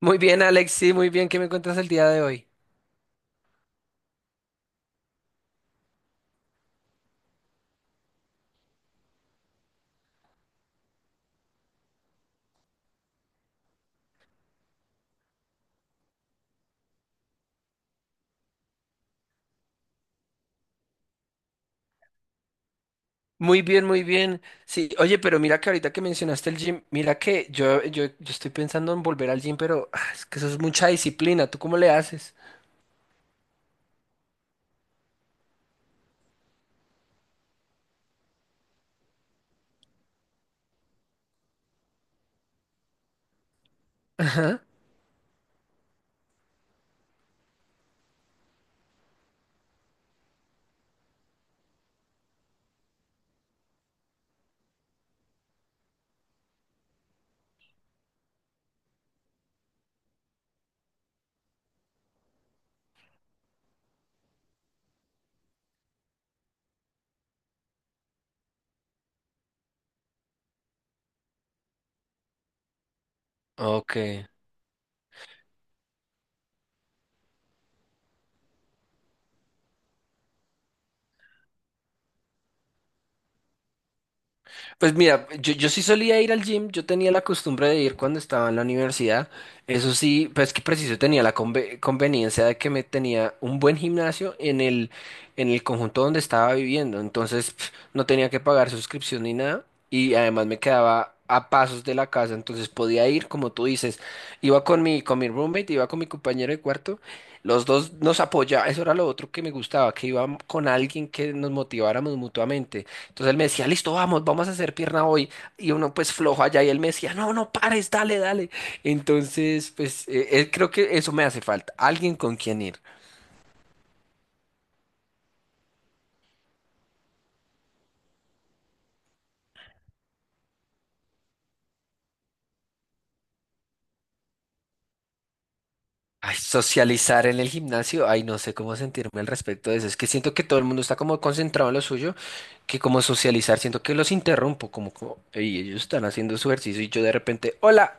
Muy bien, Alex, sí, muy bien. ¿Qué me cuentas el día de hoy? Muy bien, muy bien. Sí, oye, pero mira que ahorita que mencionaste el gym, mira que yo estoy pensando en volver al gym, pero es que eso es mucha disciplina. ¿Tú cómo le haces? Ajá. Ok. Pues mira, yo sí solía ir al gym, yo tenía la costumbre de ir cuando estaba en la universidad, eso sí, pues que preciso tenía la conveniencia de que me tenía un buen gimnasio en el conjunto donde estaba viviendo, entonces pf, no tenía que pagar suscripción ni nada y además me quedaba a pasos de la casa, entonces podía ir, como tú dices, iba con mi roommate, iba con mi compañero de cuarto, los dos nos apoyaba, eso era lo otro que me gustaba, que iba con alguien que nos motiváramos mutuamente. Entonces él me decía, listo, vamos, vamos a hacer pierna hoy. Y uno pues flojo allá y él me decía, no, no pares, dale, dale. Entonces, pues creo que eso me hace falta, alguien con quien ir. Ay, socializar en el gimnasio, ay, no sé cómo sentirme al respecto de eso. Es que siento que todo el mundo está como concentrado en lo suyo, que como socializar, siento que los interrumpo, y ellos están haciendo su ejercicio y yo de repente, hola.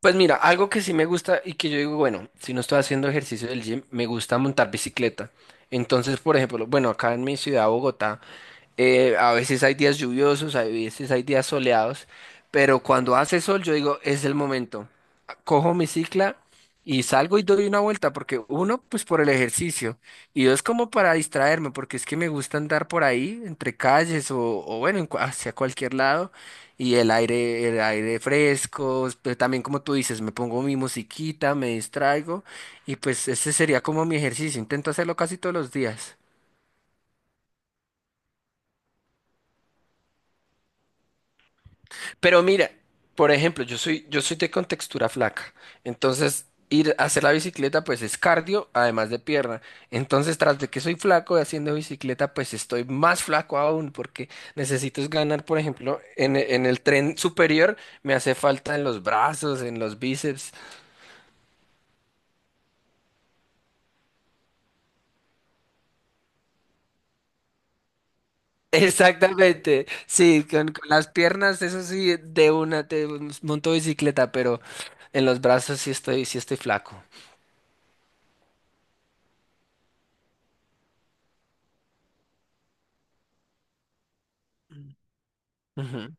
Pues mira, algo que sí me gusta y que yo digo, bueno, si no estoy haciendo ejercicio del gym, me gusta montar bicicleta. Entonces, por ejemplo, bueno, acá en mi ciudad, Bogotá, a veces hay días lluviosos, a veces hay días soleados, pero cuando hace sol, yo digo, es el momento. Cojo mi cicla y salgo y doy una vuelta, porque uno, pues por el ejercicio, y dos, como para distraerme, porque es que me gusta andar por ahí, entre calles o bueno, en hacia cualquier lado. Y el aire fresco, pero también como tú dices, me pongo mi musiquita, me distraigo y pues ese sería como mi ejercicio, intento hacerlo casi todos los días. Pero mira, por ejemplo, yo soy de contextura flaca, entonces ir a hacer la bicicleta pues es cardio, además de pierna. Entonces, tras de que soy flaco y haciendo bicicleta, pues estoy más flaco aún porque necesito es ganar, por ejemplo, en el tren superior me hace falta en los brazos, en los bíceps. Exactamente, sí, con las piernas, eso sí, de una te monto bicicleta, pero en los brazos sí estoy flaco. Ujú.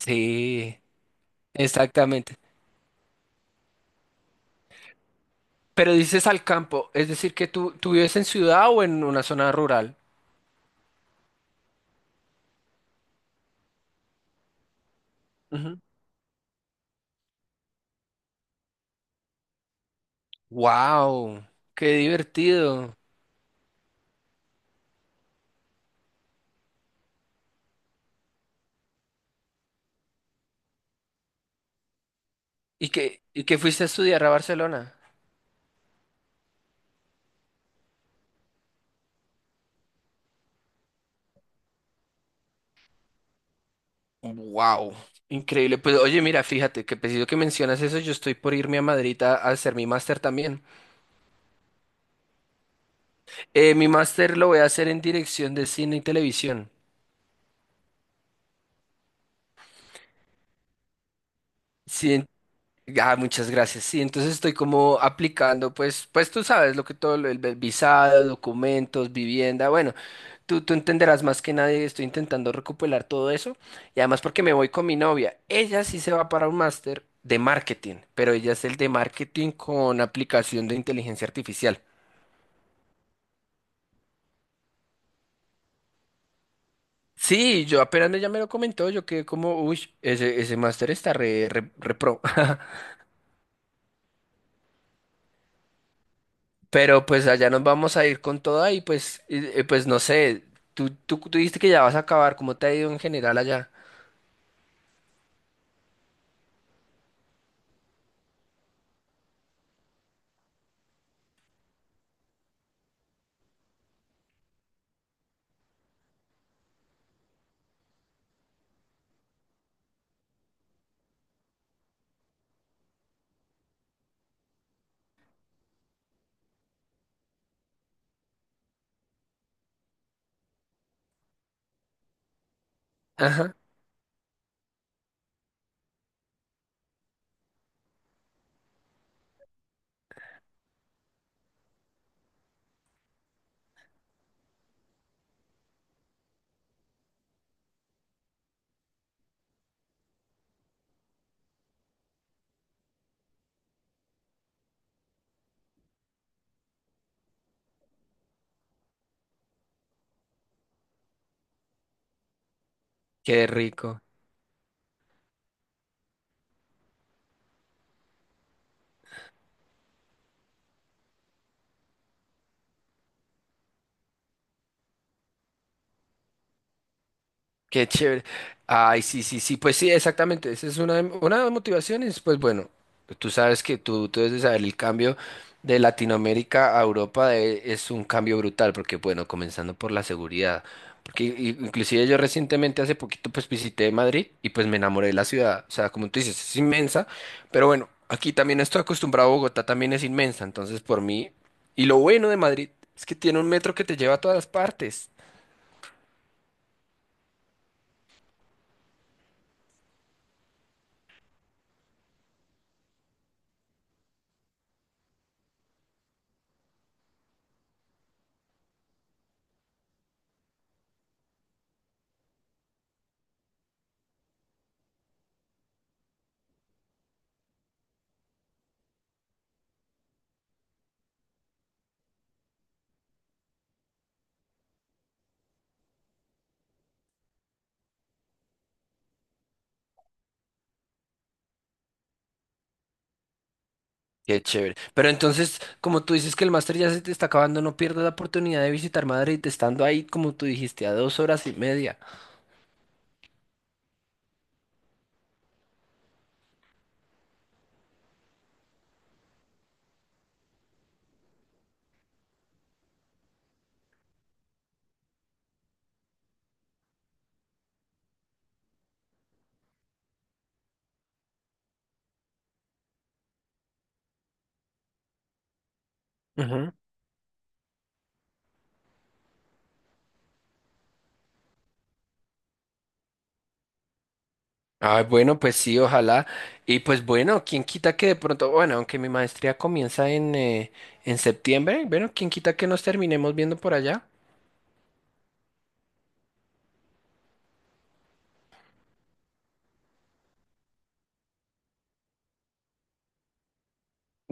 Sí, exactamente. Pero dices al campo, es decir, que tú vives en ciudad o en una zona rural. Wow, qué divertido. ¿Y que fuiste a estudiar a Barcelona? Wow, increíble. Pues oye, mira, fíjate que preciso que mencionas eso, yo estoy por irme a Madrid a hacer mi máster también. Mi máster lo voy a hacer en dirección de cine y televisión. Sí, en- muchas gracias. Sí, entonces estoy como aplicando, pues tú sabes lo que todo, el visado, documentos, vivienda, bueno, tú entenderás más que nadie, estoy intentando recopilar todo eso. Y además porque me voy con mi novia, ella sí se va para un máster de marketing, pero ella es el de marketing con aplicación de inteligencia artificial. Sí, yo apenas ella me lo comentó, yo quedé como, uy, ese máster está re pro. Pero pues allá nos vamos a ir con toda y pues no sé, tú dijiste que ya vas a acabar, ¿cómo te ha ido en general allá? Ajá, qué rico. Qué chévere. Ay, sí, sí, sí, pues sí, exactamente. Esa es una de las motivaciones. Pues bueno, tú sabes que tú debes de saber el cambio de Latinoamérica a Europa es un cambio brutal, porque bueno, comenzando por la seguridad, porque inclusive yo recientemente, hace poquito, pues visité Madrid y pues me enamoré de la ciudad. O sea, como tú dices, es inmensa, pero bueno, aquí también estoy acostumbrado a Bogotá, también es inmensa, entonces por mí. Y lo bueno de Madrid es que tiene un metro que te lleva a todas partes. Qué chévere. Pero entonces, como tú dices que el máster ya se te está acabando, no pierdas la oportunidad de visitar Madrid, estando ahí, como tú dijiste, a 2 horas y media. Ujú. Ah, bueno, pues sí, ojalá. Y pues bueno, quién quita que de pronto, bueno, aunque mi maestría comienza en septiembre, bueno, quién quita que nos terminemos viendo por allá.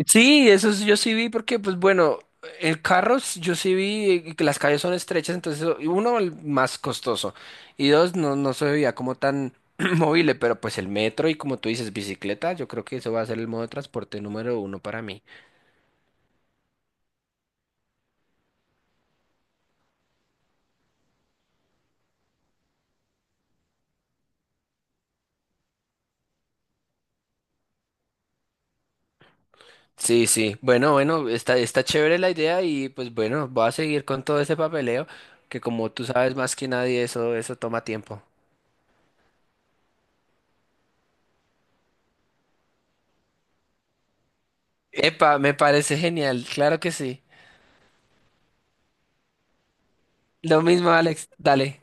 Sí, yo sí vi porque, pues bueno, el yo sí vi que las calles son estrechas, y uno, el más costoso, y dos, no, no se veía como tan móvil, pero pues el metro y como tú dices, bicicleta, yo creo que eso va a ser el modo de transporte número uno para mí. Sí, sí, bueno, bueno, está chévere la idea y pues bueno, voy a seguir con todo ese papeleo, que como tú sabes más que nadie, eso toma tiempo. Epa, me parece genial, claro que sí. Lo mismo, Alex, dale.